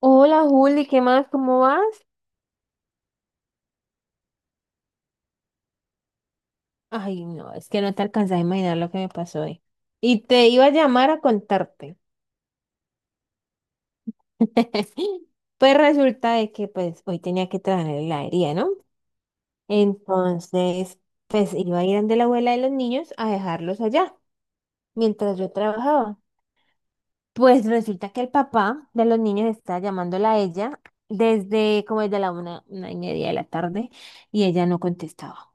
Hola Juli, ¿qué más? ¿Cómo vas? Ay, no, es que no te alcanzas a imaginar lo que me pasó hoy. Y te iba a llamar a contarte. Pues resulta de que pues hoy tenía que trabajar en la heladería, ¿no? Entonces, pues iba a ir donde la abuela de los niños a dejarlos allá, mientras yo trabajaba. Pues resulta que el papá de los niños está llamándola a ella desde como desde la una, 1:30 de la tarde y ella no contestaba.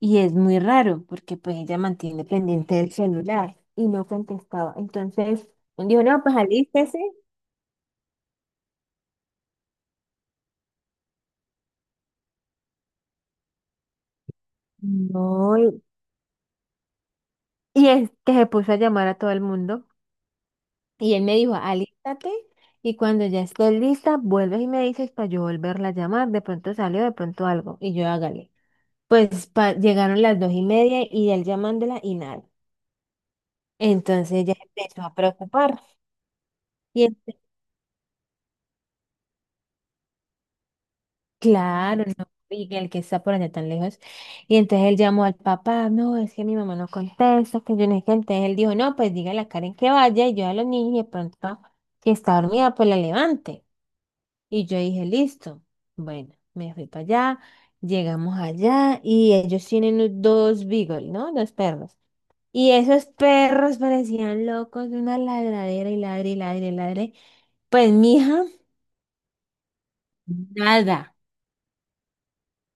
Y es muy raro porque pues ella mantiene pendiente el celular y no contestaba. Entonces dijo, no, pues alístese. No. Y es que se puso a llamar a todo el mundo. Y él me dijo, alístate y cuando ya esté lista, vuelves y me dices para yo volverla a llamar. De pronto salió, de pronto algo. Y yo hágale. Pues llegaron las 2:30 y él llamándola y nada. Entonces ella se empezó a preocupar. y Claro, no, y el que está por allá tan lejos. Y entonces él llamó al papá, no, es que mi mamá no contesta, que yo no sé qué. Entonces él dijo, no, pues dígale a Karen que vaya y yo a los niños y de pronto, si está dormida, pues la levante. Y yo dije, listo. Bueno, me fui para allá, llegamos allá y ellos tienen dos beagle, ¿no? Dos perros. Y esos perros parecían locos, una ladradera y ladre y ladre y ladre. Pues mija nada.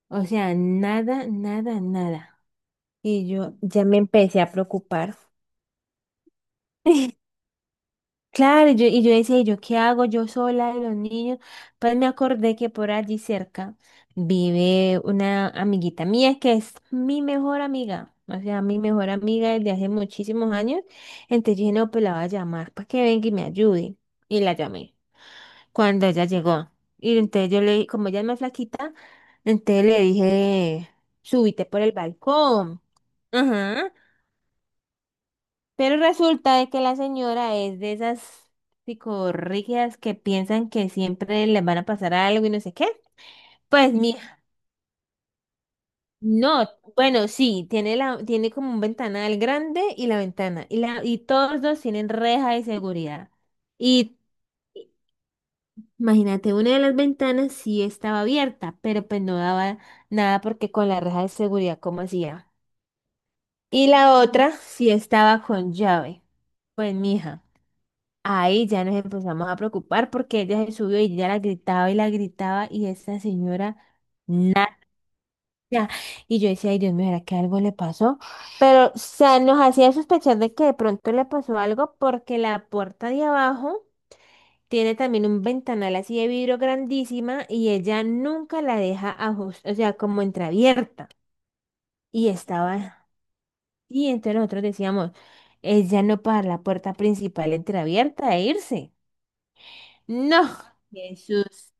O sea, nada, nada, nada. Y yo ya me empecé a preocupar. Claro, y yo decía, ¿y yo qué hago yo sola y los niños? Pues me acordé que por allí cerca vive una amiguita mía que es mi mejor amiga, o sea, mi mejor amiga desde hace muchísimos años. Entonces yo dije, no, pues la voy a llamar para que venga y me ayude. Y la llamé cuando ella llegó. Y entonces yo le dije, como ella es más flaquita, entonces le dije, súbite por el balcón. Ajá. Pero resulta de que la señora es de esas psicorrígidas que piensan que siempre les van a pasar algo y no sé qué. Pues mija, no, bueno, sí, tiene tiene como un ventanal grande y la ventana, y todos dos tienen reja de seguridad. Y imagínate, una de las ventanas sí estaba abierta, pero pues no daba nada porque con la reja de seguridad, ¿cómo hacía? Y la otra sí estaba con llave. Pues mija. Ahí ya nos empezamos a preocupar porque ella se subió y ya la gritaba y esa señora nada. Y yo decía, ay Dios mío, ¿será que algo le pasó? Pero, o sea, nos hacía sospechar de que de pronto le pasó algo porque la puerta de abajo tiene también un ventanal así de vidrio grandísima y ella nunca la deja ajustada, o sea, como entreabierta. Y estaba, y entonces nosotros decíamos, ella no para la puerta principal entreabierta e irse. No. Jesús.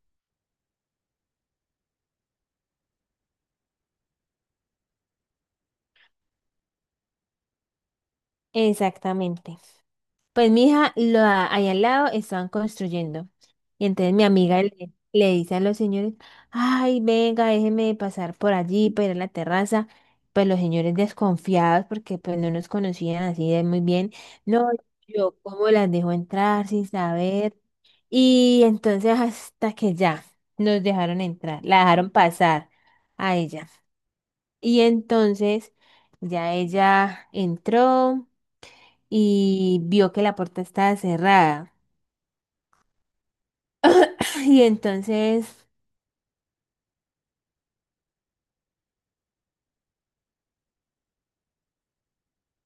Exactamente. Pues mi hija, ahí al lado estaban construyendo. Y entonces mi amiga le dice a los señores, ay, venga, déjeme pasar por allí para ir a la terraza. Pues los señores desconfiados porque pues no nos conocían así de muy bien. No, yo cómo las dejo entrar sin saber. Y entonces hasta que ya nos dejaron entrar, la dejaron pasar a ella. Y entonces ya ella entró y vio que la puerta estaba cerrada. Y entonces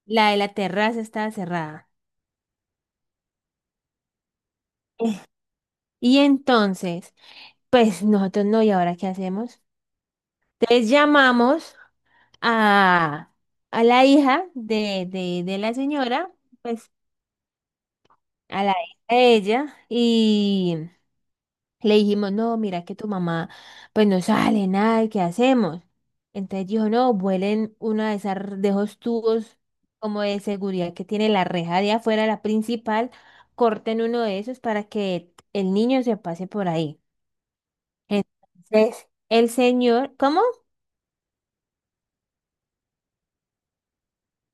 la de la terraza estaba cerrada. Y entonces, pues nosotros no, ¿y ahora qué hacemos? Entonces llamamos a, a la hija de la señora, pues a la hija de ella. Le dijimos, no, mira que tu mamá pues no sale nada, qué hacemos? Entonces dijo, no, vuelen una de esas, de esos tubos como de seguridad que tiene la reja de afuera, la principal, corten uno de esos para que el niño se pase por ahí. Entonces, el señor, ¿cómo?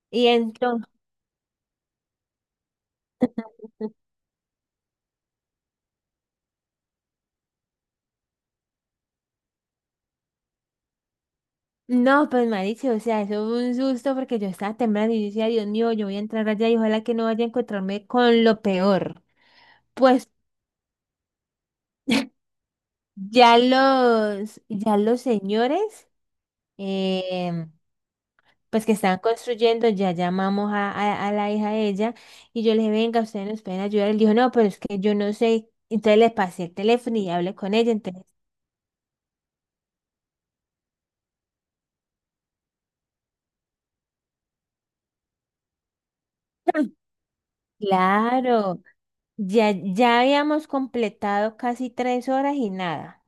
Y entonces, no, pues marica, o sea, eso fue un susto porque yo estaba temblando y yo decía, Dios mío, yo voy a entrar allá y ojalá que no vaya a encontrarme con lo peor. Pues ya los señores, eh, pues que están construyendo, ya llamamos a la hija de ella y yo le dije, venga, ustedes nos pueden ayudar. Él dijo, no, pero es que yo no sé. Entonces le pasé el teléfono y hablé con ella. Entonces, claro, ya, ya habíamos completado casi 3 horas y nada.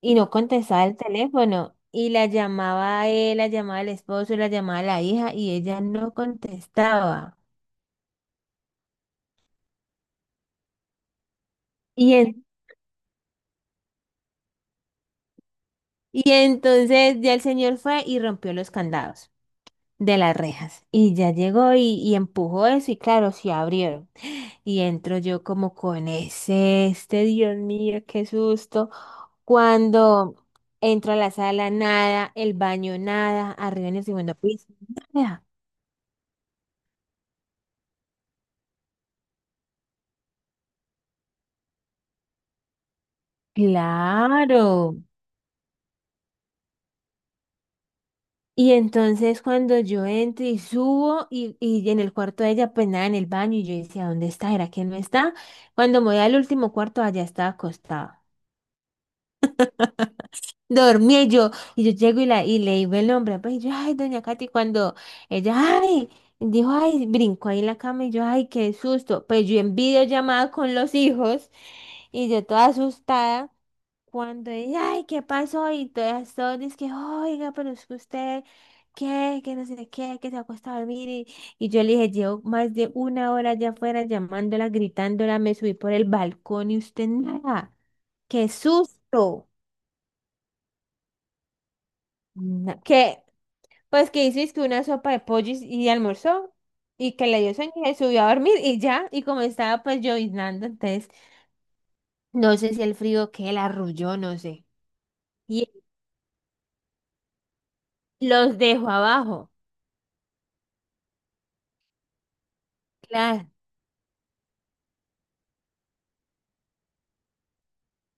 Y no contestaba el teléfono. Y la llamaba él, la llamaba el esposo, la llamaba la hija y ella no contestaba. Y en- Y entonces ya el señor fue y rompió los candados de las rejas. Y ya llegó y empujó eso y claro, sí abrieron. Y entro yo como con ese, este, Dios mío, qué susto. Cuando entro a la sala, nada, el baño, nada, arriba en el segundo piso, nada. Claro. Y entonces cuando yo entro y subo y en el cuarto de ella, pues nada, en el baño, y yo decía, ¿dónde está? ¿Era que no está? Cuando me voy al último cuarto, allá estaba acostada. Dormí y yo llego y le digo el nombre, pues y yo, ay, doña Katy, cuando ella, ay, dijo, ay, brincó ahí en la cama y yo, ay, qué susto, pues yo en videollamada con los hijos y yo toda asustada, cuando ella, ay, ¿qué pasó? Y todas, todas, es que, oiga, pero es que usted, ¿qué? Que no sé qué, que se acuesta a dormir y yo le dije, llevo más de una hora allá afuera llamándola, gritándola, me subí por el balcón y usted nada, qué susto, que pues que hizo es que una sopa de pollo y almorzó y que le dio sueño y se subió a dormir y ya, y como estaba pues lloviznando, entonces no sé si el frío que la arrulló, no sé. Y los dejó abajo, claro,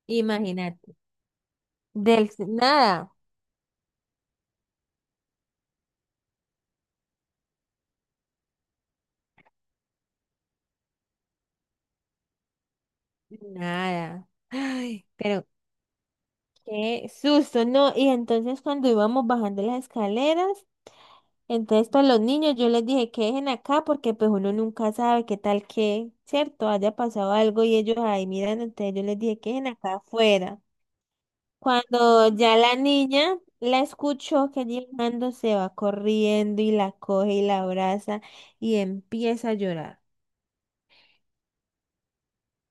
imagínate. Del nada, nada. Ay, pero qué susto, ¿no? Y entonces cuando íbamos bajando las escaleras, entonces pues los niños yo les dije que dejen acá porque pues uno nunca sabe qué tal que, ¿cierto? Haya pasado algo y ellos ahí miran, entonces yo les dije que dejen acá afuera. Cuando ya la niña la escuchó que llegando se va corriendo y la coge y la abraza y empieza a llorar.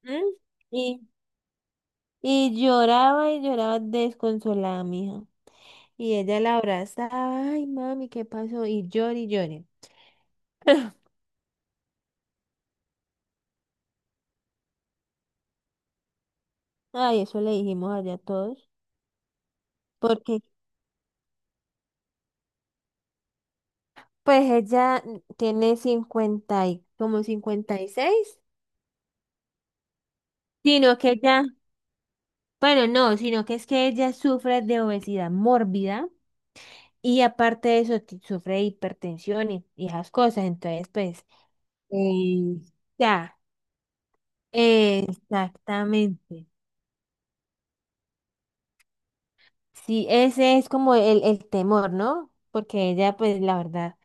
¿M? Y, y lloraba desconsolada, mija. Y ella la abrazaba, ay, mami, ¿qué pasó? Y llore y llore. Ay, eso le dijimos allá a todos. Porque pues ella tiene 50 y como 56, sino que ella, bueno, no, sino que es que ella sufre de obesidad mórbida y aparte de eso sufre de hipertensión y esas cosas. Entonces, pues, eh, ya, exactamente. Sí, ese es como el temor, ¿no? Porque ella, pues, la verdad,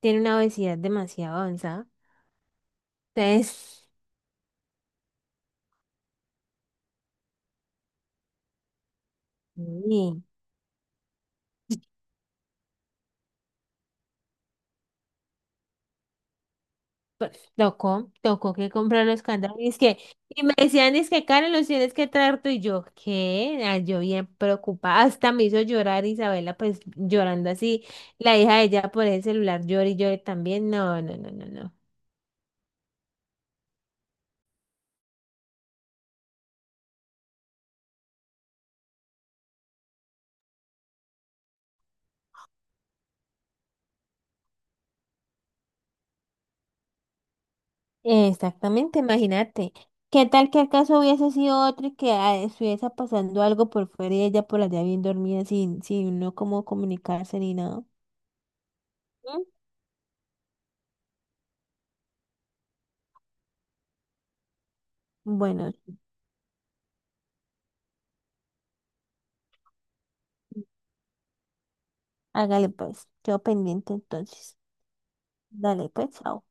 tiene una obesidad demasiado avanzada. Entonces, sí, pues, tocó, tocó que comprar los candados. Y me decían, es que, Karen, los tienes que traer tú. Y yo, ¿qué? Ah, yo bien preocupada. Hasta me hizo llorar Isabela, pues, llorando así. La hija de ella por el celular llora y llore también. No, no, no, no, no. Exactamente, imagínate. ¿Qué tal que el caso hubiese sido otro y que ah, estuviese pasando algo por fuera y ella por allá bien dormida sin no cómo comunicarse ni nada? ¿Mm? Bueno, hágale pues, quedo pendiente entonces. Dale pues, chao.